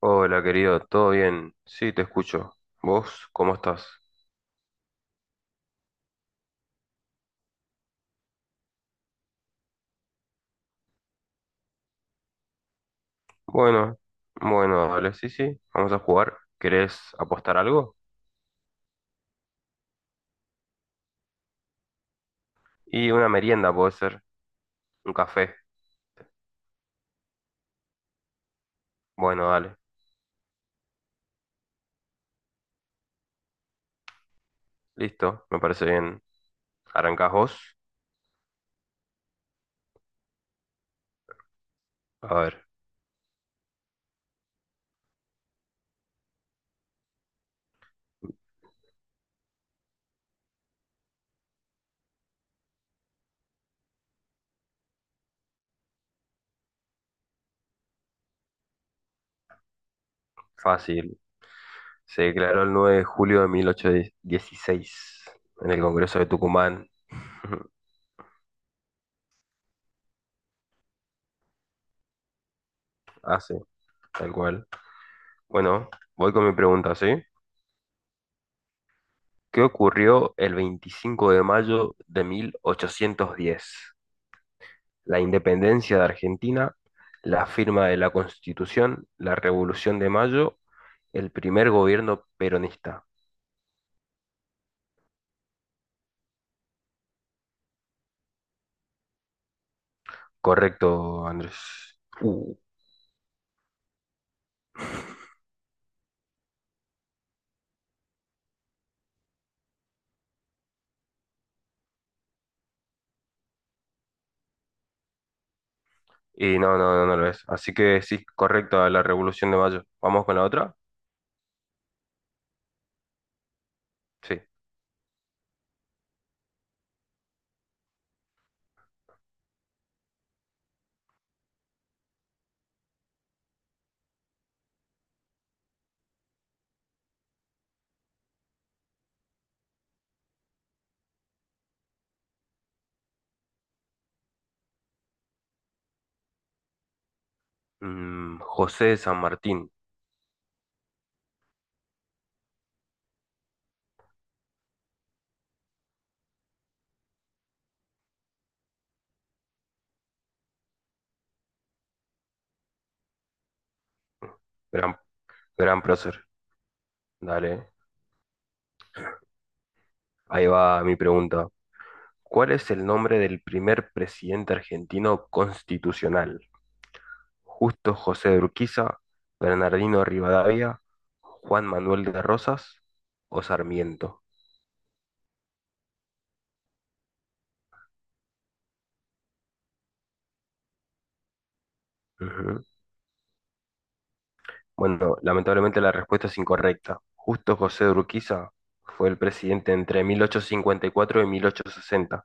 Hola, querido, ¿todo bien? Sí, te escucho. ¿Vos cómo estás? Bueno, bueno, dale, sí, sí, vamos a jugar. ¿Querés apostar algo? Y una merienda puede ser, un café. Bueno, dale, listo, me parece bien. ¿Arrancás vos? A ver, fácil. Se declaró el 9 de julio de 1816 en el Congreso de Tucumán. Ah, sí, tal cual. Bueno, voy con mi pregunta, ¿sí? ¿Qué ocurrió el 25 de mayo de 1810? La independencia de Argentina, la firma de la Constitución, la Revolución de Mayo, el primer gobierno peronista. Correcto, Andrés. Uh, Y no, no, no, no lo es. Así que sí, correcto a la Revolución de Mayo. ¿Vamos con la otra? Sí. José de San Martín, gran, gran prócer. Dale, ahí va mi pregunta. ¿Cuál es el nombre del primer presidente argentino constitucional? Justo José de Urquiza, Bernardino Rivadavia, Juan Manuel de Rosas o Sarmiento. Ujú. Bueno, lamentablemente la respuesta es incorrecta. Justo José de Urquiza fue el presidente entre mil ochocientos cincuenta y cuatro y mil ochocientos sesenta,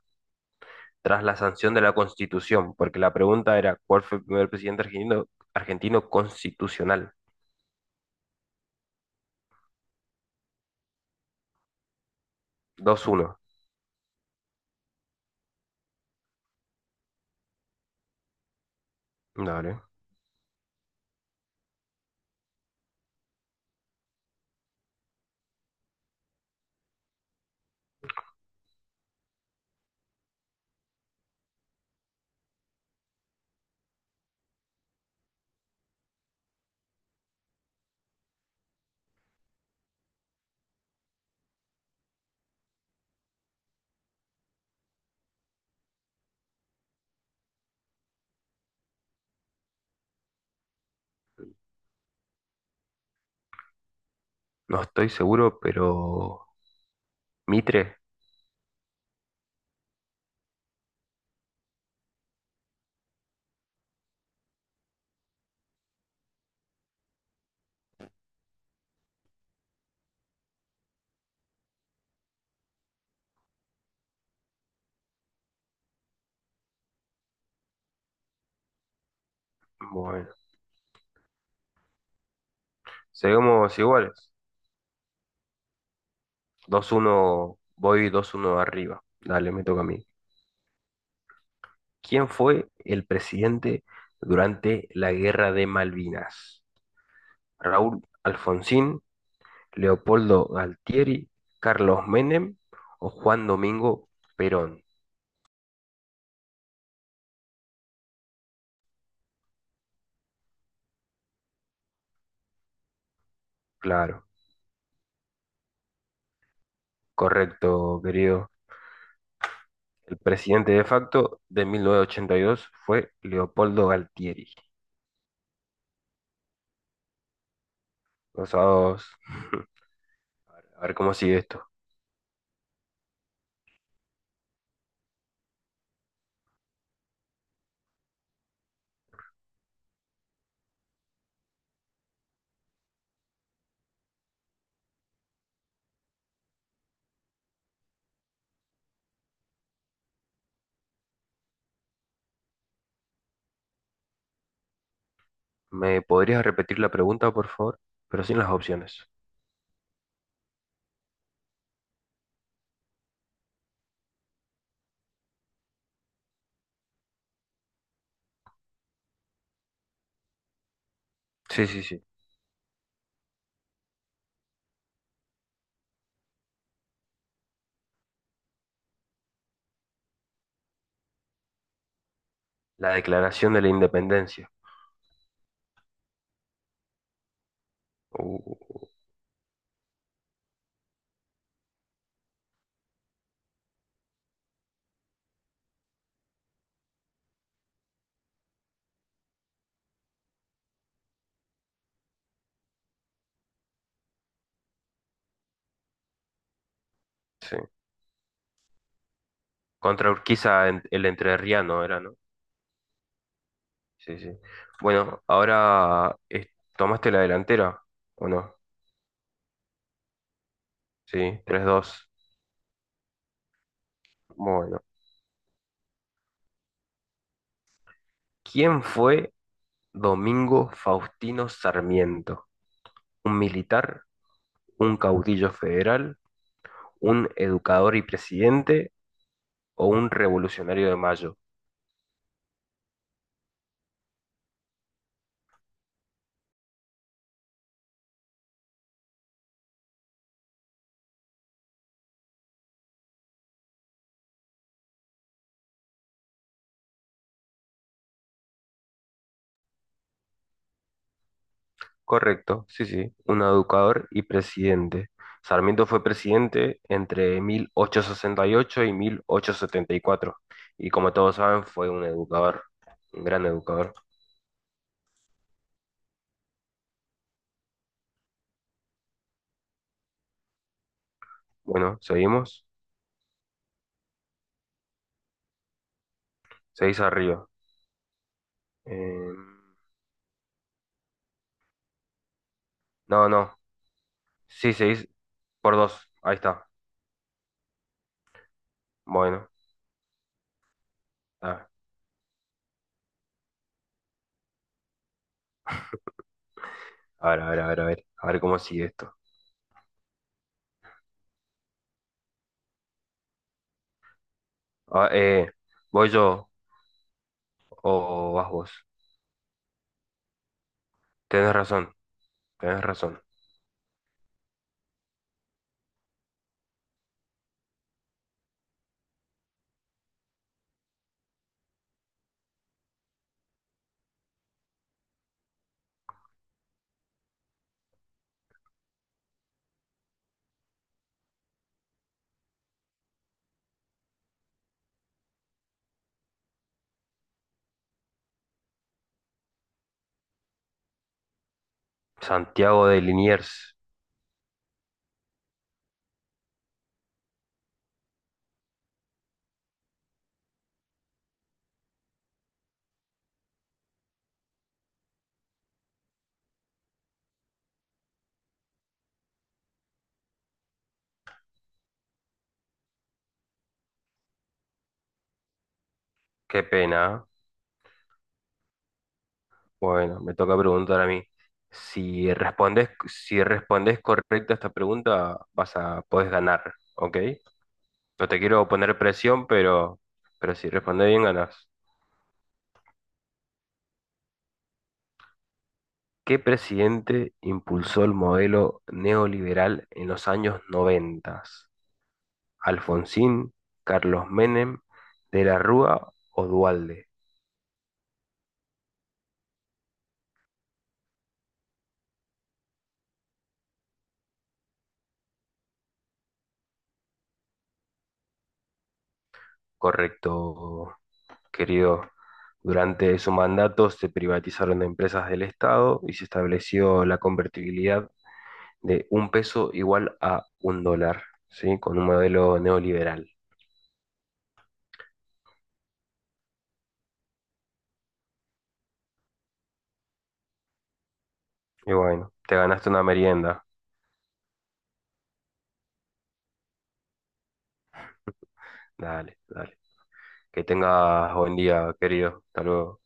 tras la sanción de la Constitución, porque la pregunta era, ¿cuál fue el primer presidente argentino constitucional? Dos uno. Dale. No estoy seguro, pero Mitre. Bueno, seguimos iguales. Dos uno voy dos uno arriba. Dale, me toca a mí. ¿Quién fue el presidente durante la Guerra de Malvinas? ¿Raúl Alfonsín, Leopoldo Galtieri, Carlos Menem o Juan Domingo Perón? Claro, correcto, querido. El presidente de facto de 1982 fue Leopoldo Galtieri. Dos a dos. A ver cómo sigue esto. ¿Me podrías repetir la pregunta, por favor? Pero sin las opciones. Sí, sí, sí. La Declaración de la Independencia. Uh, sí. Contra Urquiza, el entrerriano era, ¿no? Sí, sí. Bueno, ahora tomaste la delantera, ¿o no? Sí, tres dos. Bueno. ¿Quién fue Domingo Faustino Sarmiento? ¿Un militar? ¿Un caudillo federal? ¿Un educador y presidente? ¿O un revolucionario de mayo? Correcto, sí, sí, un educador y presidente. Sarmiento fue presidente entre mil ochocientos sesenta y 1874 y mil ochocientos setenta y cuatro. Y como todos saben fue un educador, un gran educador. Bueno, seguís arriba. Eh, no, no, sí, seguís por dos, ahí está. Bueno, a a ver, a ver, a ver, a ver, a ver cómo sigue esto. Ah, ¿voy yo o vas vos? Tenés razón, tenés razón. Santiago de Liniers, qué pena. ¿Eh? Bueno, me toca preguntar a mí. Si respondes correcta esta pregunta, podés ganar, ¿ok? No te quiero poner presión, pero si respondes bien, ganás. ¿Qué presidente impulsó el modelo neoliberal en los años 90? ¿Alfonsín, Carlos Menem, De la Rúa o Duhalde? Correcto, querido. Durante su mandato se privatizaron empresas del Estado y se estableció la convertibilidad de un peso igual a un dólar, ¿sí? Con un modelo neoliberal. Y bueno, te ganaste una merienda. Dale, dale. Que tengas buen día, querido. Hasta luego.